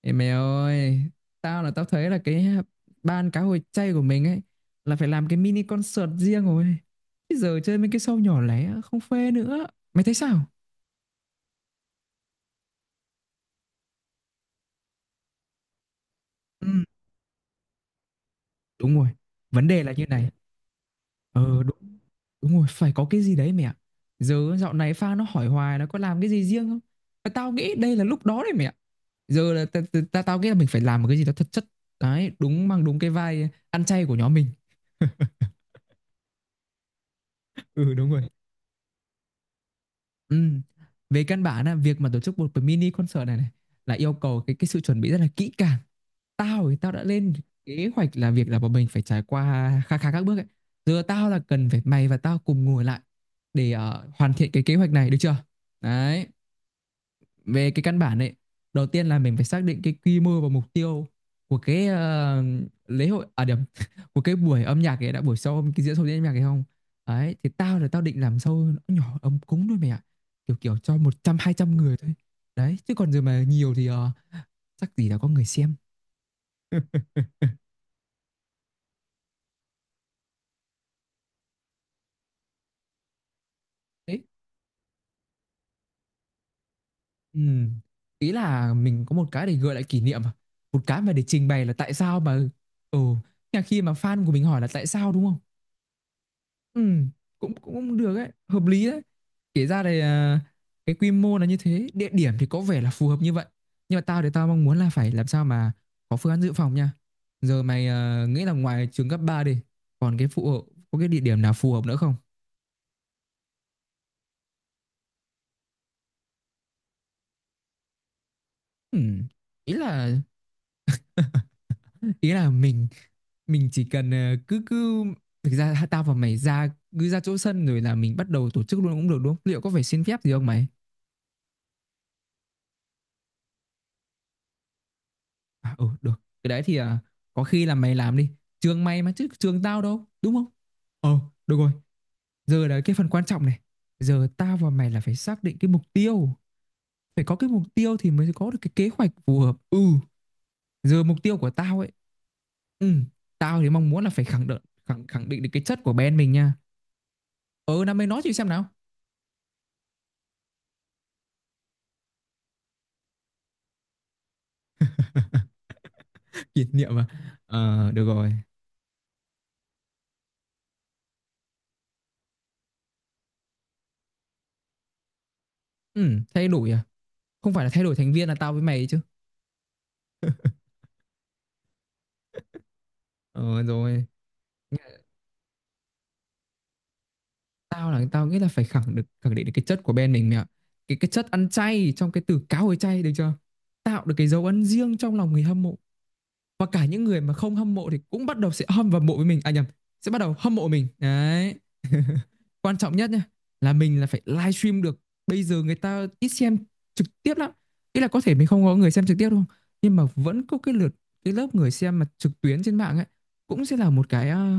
Ê mày ơi, tao thấy là cái ban cá hồi chay của mình ấy là phải làm cái mini concert riêng rồi. Bây giờ chơi mấy cái show nhỏ lẻ không phê nữa. Mày thấy sao? Ừ, đúng rồi. Vấn đề là như này. Ờ đúng, đúng rồi, phải có cái gì đấy mẹ. Giờ dạo này fan nó hỏi hoài nó có làm cái gì riêng không? Mà tao nghĩ đây là lúc đó đấy mẹ. Giờ là ta, ta, ta, tao nghĩ là mình phải làm một cái gì đó thật chất. Đấy, đúng mang đúng cái vai ăn chay của nhóm mình. Ừ đúng rồi. Ừ. Về căn bản là việc mà tổ chức một cái mini concert này này là yêu cầu cái sự chuẩn bị rất là kỹ càng. Tao thì tao đã lên kế hoạch là việc là bọn mình phải trải qua khá khá các bước ấy. Giờ tao là cần phải mày và tao cùng ngồi lại để hoàn thiện cái kế hoạch này được chưa? Đấy, về cái căn bản ấy, đầu tiên là mình phải xác định cái quy mô và mục tiêu của cái lễ hội, à điểm của cái buổi âm nhạc ấy đã, buổi sau cái diễn sâu diễn âm nhạc ấy không. Đấy thì tao định làm sâu nó nhỏ ấm cúng thôi mày ạ, kiểu kiểu cho 100 200 người thôi. Đấy chứ còn giờ mà nhiều thì chắc gì đã có người xem. Đấy ừ. Ý là mình có một cái để gợi lại kỷ niệm à? Một cái mà để trình bày là tại sao mà ừ khi mà fan của mình hỏi là tại sao đúng không. Ừ, cũng cũng cũng được ấy, hợp lý đấy. Kể ra thì cái quy mô là như thế, địa điểm thì có vẻ là phù hợp như vậy. Nhưng mà tao thì tao mong muốn là phải làm sao mà có phương án dự phòng nha. Giờ mày nghĩ là ngoài trường cấp 3 đi, còn cái phụ hộ có cái địa điểm nào phù hợp nữa không? Ừ, ý là ý là mình chỉ cần cứ cứ thực ra tao và mày ra, cứ ra chỗ sân rồi là mình bắt đầu tổ chức luôn cũng được đúng không? Liệu có phải xin phép gì không mày? À, ừ, được. Cái đấy thì có khi là mày làm đi. Trường mày mà chứ trường tao đâu, đúng không? Ờ, được rồi. Giờ là cái phần quan trọng này. Giờ tao và mày là phải xác định cái mục tiêu. Phải có cái mục tiêu thì mới có được cái kế hoạch phù hợp. Ừ, giờ mục tiêu của tao ấy. Ừ, tao thì mong muốn là phải khẳng định khẳng định được cái chất của band mình nha. Ừ, năm mày nói chị xem nào. Kỷ niệm à? Ờ, được rồi. Ừ, thay đổi à? Không phải là thay đổi thành viên là tao với mày chứ. Ờ, rồi. Tao nghĩ là phải khẳng định được cái chất của bên mình mẹ ạ. Cái chất ăn chay trong cái từ cá hồi chay được chưa, tạo được cái dấu ấn riêng trong lòng người hâm mộ, và cả những người mà không hâm mộ thì cũng bắt đầu sẽ hâm và mộ với mình, à nhầm, sẽ bắt đầu hâm mộ mình đấy. Quan trọng nhất nhá, là mình phải livestream được. Bây giờ người ta ít xem trực tiếp lắm. Ý là có thể mình không có người xem trực tiếp đâu nhưng mà vẫn có cái lượt, cái lớp người xem mà trực tuyến trên mạng ấy, cũng sẽ là một cái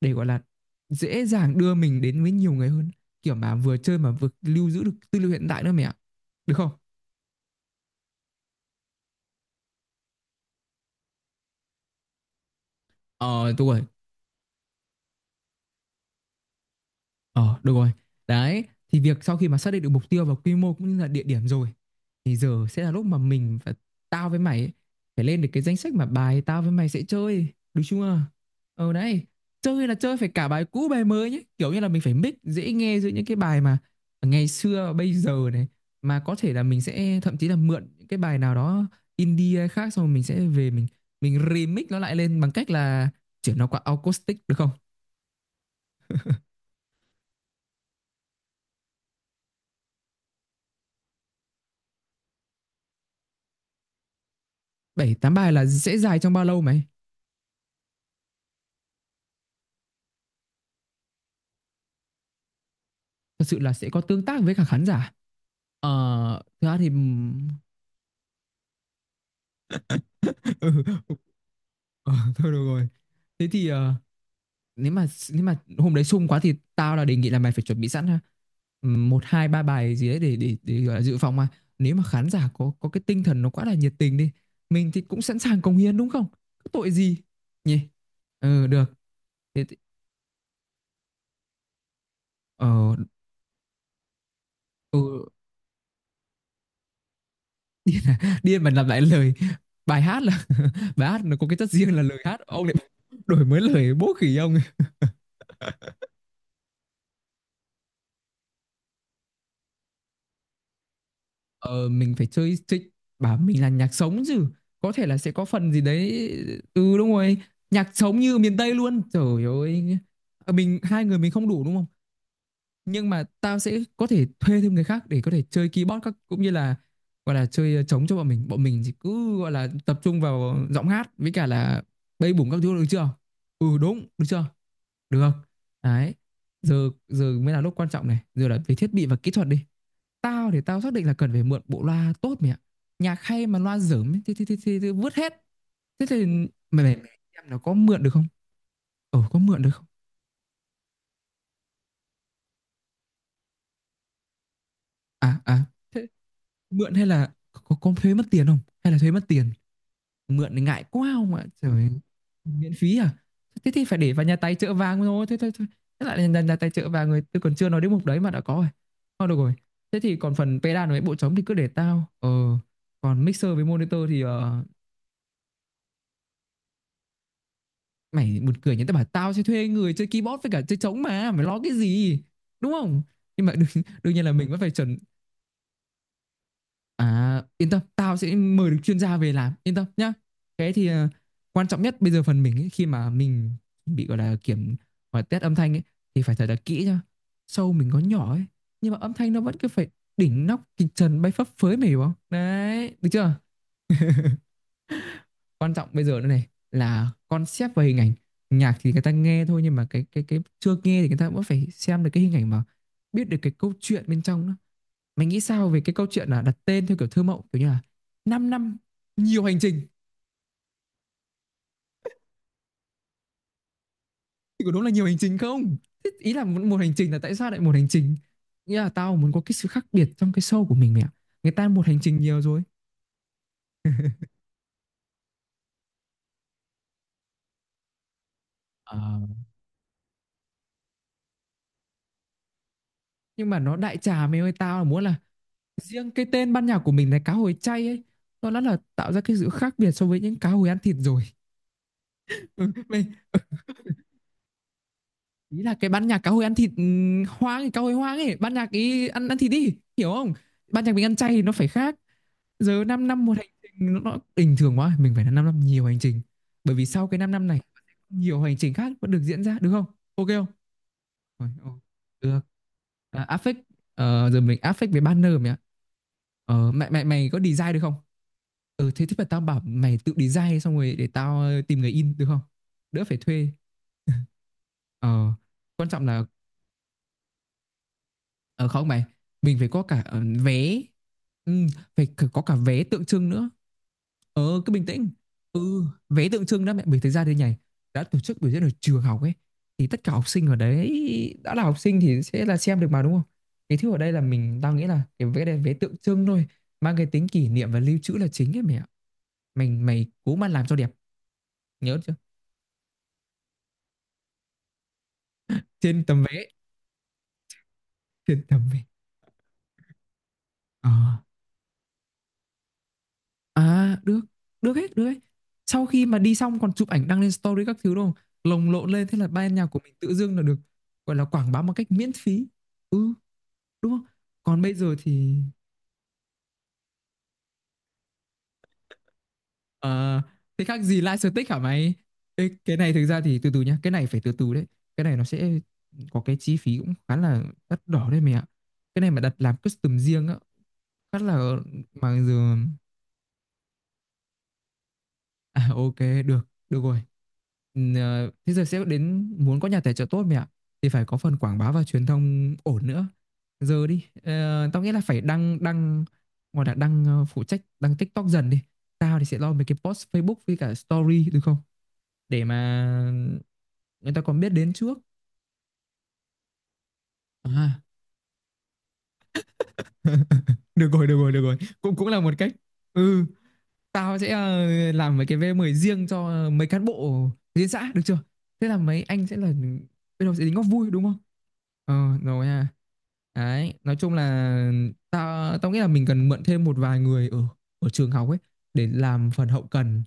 để gọi là dễ dàng đưa mình đến với nhiều người hơn, kiểu mà vừa chơi mà vừa lưu giữ được tư liệu hiện tại nữa mẹ ạ, được không. Ờ đúng rồi. Ờ được rồi. Đấy, thì việc sau khi mà xác định được mục tiêu và quy mô cũng như là địa điểm rồi, thì giờ sẽ là lúc mà mình và tao với mày ấy, phải lên được cái danh sách mà bài tao với mày sẽ chơi, đúng chưa. Ờ đấy, chơi là chơi phải cả bài cũ bài mới nhé, kiểu như là mình phải mix dễ nghe giữa những cái bài mà ngày xưa và bây giờ này, mà có thể là mình sẽ thậm chí là mượn những cái bài nào đó indie hay khác, xong rồi mình sẽ về mình remix nó lại lên bằng cách là chuyển nó qua acoustic, được không. 7 8 bài là sẽ dài trong bao lâu mày? Thật sự là sẽ có tương tác với cả khán giả? Ờ, thực ra thì ừ. Ờ, thôi được rồi, thế thì nếu mà hôm đấy sung quá thì tao là đề nghị là mày phải chuẩn bị sẵn ha, 1 2 3 bài gì đấy để gọi là dự phòng, mà nếu mà khán giả có cái tinh thần nó quá là nhiệt tình đi, mình thì cũng sẵn sàng cống hiến đúng không, có tội gì nhỉ. Ừ được. Thế thì, ờ ừ, điên mà làm lại lời bài hát là. Bài hát nó có cái chất riêng là lời, hát ông lại đổi mới lời bố khỉ ông. Ờ, mình phải chơi thích, bảo mình là nhạc sống chứ, có thể là sẽ có phần gì đấy. Ừ đúng rồi, nhạc sống như miền Tây luôn trời ơi. Ờ, mình hai người mình không đủ đúng không, nhưng mà tao sẽ có thể thuê thêm người khác để có thể chơi keyboard các cũng như là gọi là chơi trống cho bọn mình, bọn mình thì cứ gọi là tập trung vào giọng hát với cả là bay bổng các thứ được chưa. Ừ đúng, được chưa, được không? Đấy. Giờ giờ mới là lúc quan trọng này, giờ là về thiết bị và kỹ thuật đi. Tao thì tao xác định là cần phải mượn bộ loa tốt mày ạ. Nhạc hay mà loa dởm ấy, thì vứt hết. Thế thì mày mày, mày em nó có mượn được không? Ờ có mượn được không? À à, thế mượn hay là có thuế mất tiền không? Hay là thuế mất tiền? Mượn thì ngại quá không ạ trời ơi. Miễn phí à? Thế thì phải để vào nhà tài trợ vàng rồi, thế thôi thôi. Thế lại là nhà tài trợ vàng, người tôi còn chưa nói đến mục đấy mà đã có rồi. Thôi được rồi, thế thì còn phần pedal với bộ trống thì cứ để tao còn mixer với monitor thì mày buồn cười nhỉ, tao bảo tao sẽ thuê người chơi keyboard với cả chơi trống mà mày lo cái gì, đúng không. Nhưng mà đương nhiên là mình vẫn phải chuẩn. À, yên tâm, tao sẽ mời được chuyên gia về làm, yên tâm nhá. Cái thì quan trọng nhất bây giờ phần mình ấy, khi mà mình bị gọi là kiểm và test âm thanh ấy, thì phải thật là kỹ nhá. Show mình có nhỏ ấy, nhưng mà âm thanh nó vẫn cứ phải đỉnh nóc kịch trần bay phấp phới, mày hiểu không? Đấy, được chưa? Quan trọng bây giờ nữa này là concept và hình ảnh. Nhạc thì người ta nghe thôi nhưng mà cái chưa nghe thì người ta vẫn phải xem được cái hình ảnh mà biết được cái câu chuyện bên trong nữa. Mình nghĩ sao về cái câu chuyện là đặt tên theo kiểu thơ mộng, kiểu như là 5 năm nhiều hành trình, thì có đúng là nhiều hành trình không? Thế ý là một hành trình là tại sao lại một hành trình? Nghĩa là tao muốn có cái sự khác biệt trong cái show của mình mẹ ạ. Người ta một hành trình nhiều rồi. Ờ, nhưng mà nó đại trà mày ơi, tao là muốn là riêng cái tên ban nhạc của mình là cá hồi chay ấy. Nó đã là tạo ra cái sự khác biệt so với những cá hồi ăn thịt rồi. Ừ, mày ý là cái ban nhạc cá hồi ăn thịt ừ, hoang, cá hồi hoang ấy, ban nhạc ý ăn ăn thịt đi, hiểu không? Ban nhạc mình ăn chay thì nó phải khác. Giờ 5 năm, năm một hành trình nó bình thường quá, mình phải là 5 năm nhiều hành trình, bởi vì sau cái 5 năm này nhiều hành trình khác vẫn được diễn ra, được không, ok không? Rồi, ok. được. à, affect Giờ mình affect với banner mày ạ. Mày mày mày có design được không? Thế thì phải tao bảo mày tự design xong rồi để tao tìm người in được không, đỡ phải thuê. ờ, Quan trọng là, ờ không mày, mình phải có cả vé, ừ, phải có cả vé tượng trưng nữa. Ờ cứ bình tĩnh. Ừ, vé tượng trưng đó mẹ, mình thấy ra đây nhảy đã tổ chức biểu diễn ở trường học ấy thì tất cả học sinh ở đấy, đã là học sinh thì sẽ là xem được mà đúng không? Cái thứ ở đây là mình tao nghĩ là cái vé này vé tượng trưng thôi, mang cái tính kỷ niệm và lưu trữ là chính ấy mẹ. Mình mày cố mà làm cho đẹp, nhớ chưa? Trên tấm vé, trên tấm vé. Ờ. À được, được hết, được hết. Sau khi mà đi xong còn chụp ảnh đăng lên story các thứ đúng không? Lồng lộn lên thế là ban nhạc của mình tự dưng là được gọi là quảng bá một cách miễn phí. Ừ, đúng không? Còn bây giờ thì, ờ, thế khác gì live static hả mày? Ê, cái này thực ra thì từ từ nhá, cái này phải từ từ đấy. Cái này nó sẽ có cái chi phí cũng khá là đắt đỏ đấy mày ạ. Cái này mà đặt làm custom riêng á, khá là, mà giờ. À, ok, được, được rồi. Thế giờ sẽ đến muốn có nhà tài trợ tốt mẹ ạ thì phải có phần quảng bá và truyền thông ổn nữa. Giờ đi, tao nghĩ là phải đăng đăng gọi là đăng, phụ trách đăng TikTok dần đi. Tao thì sẽ lo mấy cái post Facebook với cả story được không? Để mà người ta còn biết đến trước. À, được rồi được rồi được rồi, cũng cũng là một cách. Ừ, tao sẽ làm mấy cái V10 riêng cho mấy cán bộ liên xã được chưa, thế là mấy anh sẽ là bên đầu sẽ tính góp vui đúng không? Ờ rồi ha. Đấy, nói chung là tao tao nghĩ là mình cần mượn thêm một vài người ở ở trường học ấy để làm phần hậu cần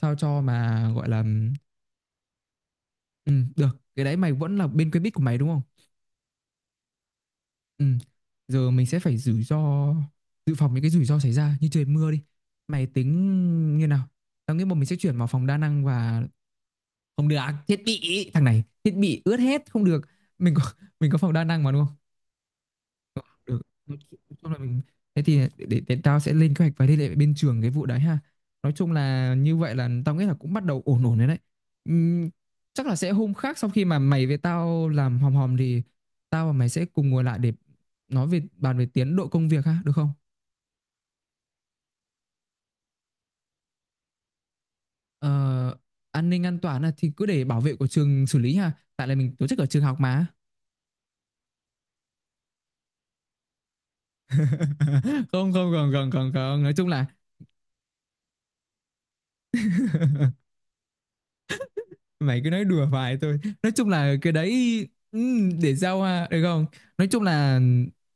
sao cho mà gọi là. Ừ, được. Cái đấy mày vẫn là bên quen biết của mày đúng không? Ừ. Giờ mình sẽ phải rủi ro, dự phòng những cái rủi ro xảy ra như trời mưa đi. Mày tính như nào? Tao nghĩ bọn mình sẽ chuyển vào phòng đa năng và không được. À, thiết bị thằng này thiết bị ướt hết không được. Mình có mình có phòng đa năng mà đúng không? Được, nói chung mình, thế thì để tao sẽ lên kế hoạch và liên hệ với bên trường cái vụ đấy ha. Nói chung là như vậy là tao nghĩ là cũng bắt đầu ổn ổn đấy đấy. Ừm, chắc là sẽ hôm khác sau khi mà mày với tao làm hòm hòm thì tao và mày sẽ cùng ngồi lại để nói về, bàn về tiến độ công việc ha được không? Ờ, an ninh an toàn là thì cứ để bảo vệ của trường xử lý ha, tại là mình tổ chức ở trường học mà. Không không không không không không, nói chung là mày cứ nói đùa vài thôi, nói chung là cái đấy, để giao à, được không, nói chung là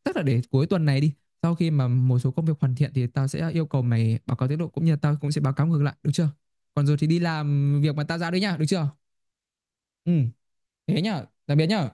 tức là để cuối tuần này đi, sau khi mà một số công việc hoàn thiện thì tao sẽ yêu cầu mày báo cáo tiến độ cũng như là tao cũng sẽ báo cáo ngược lại được chưa? Còn rồi thì đi làm việc mà tao giao đấy nhá được chưa? Ừ, thế nhá, tạm biệt nhá.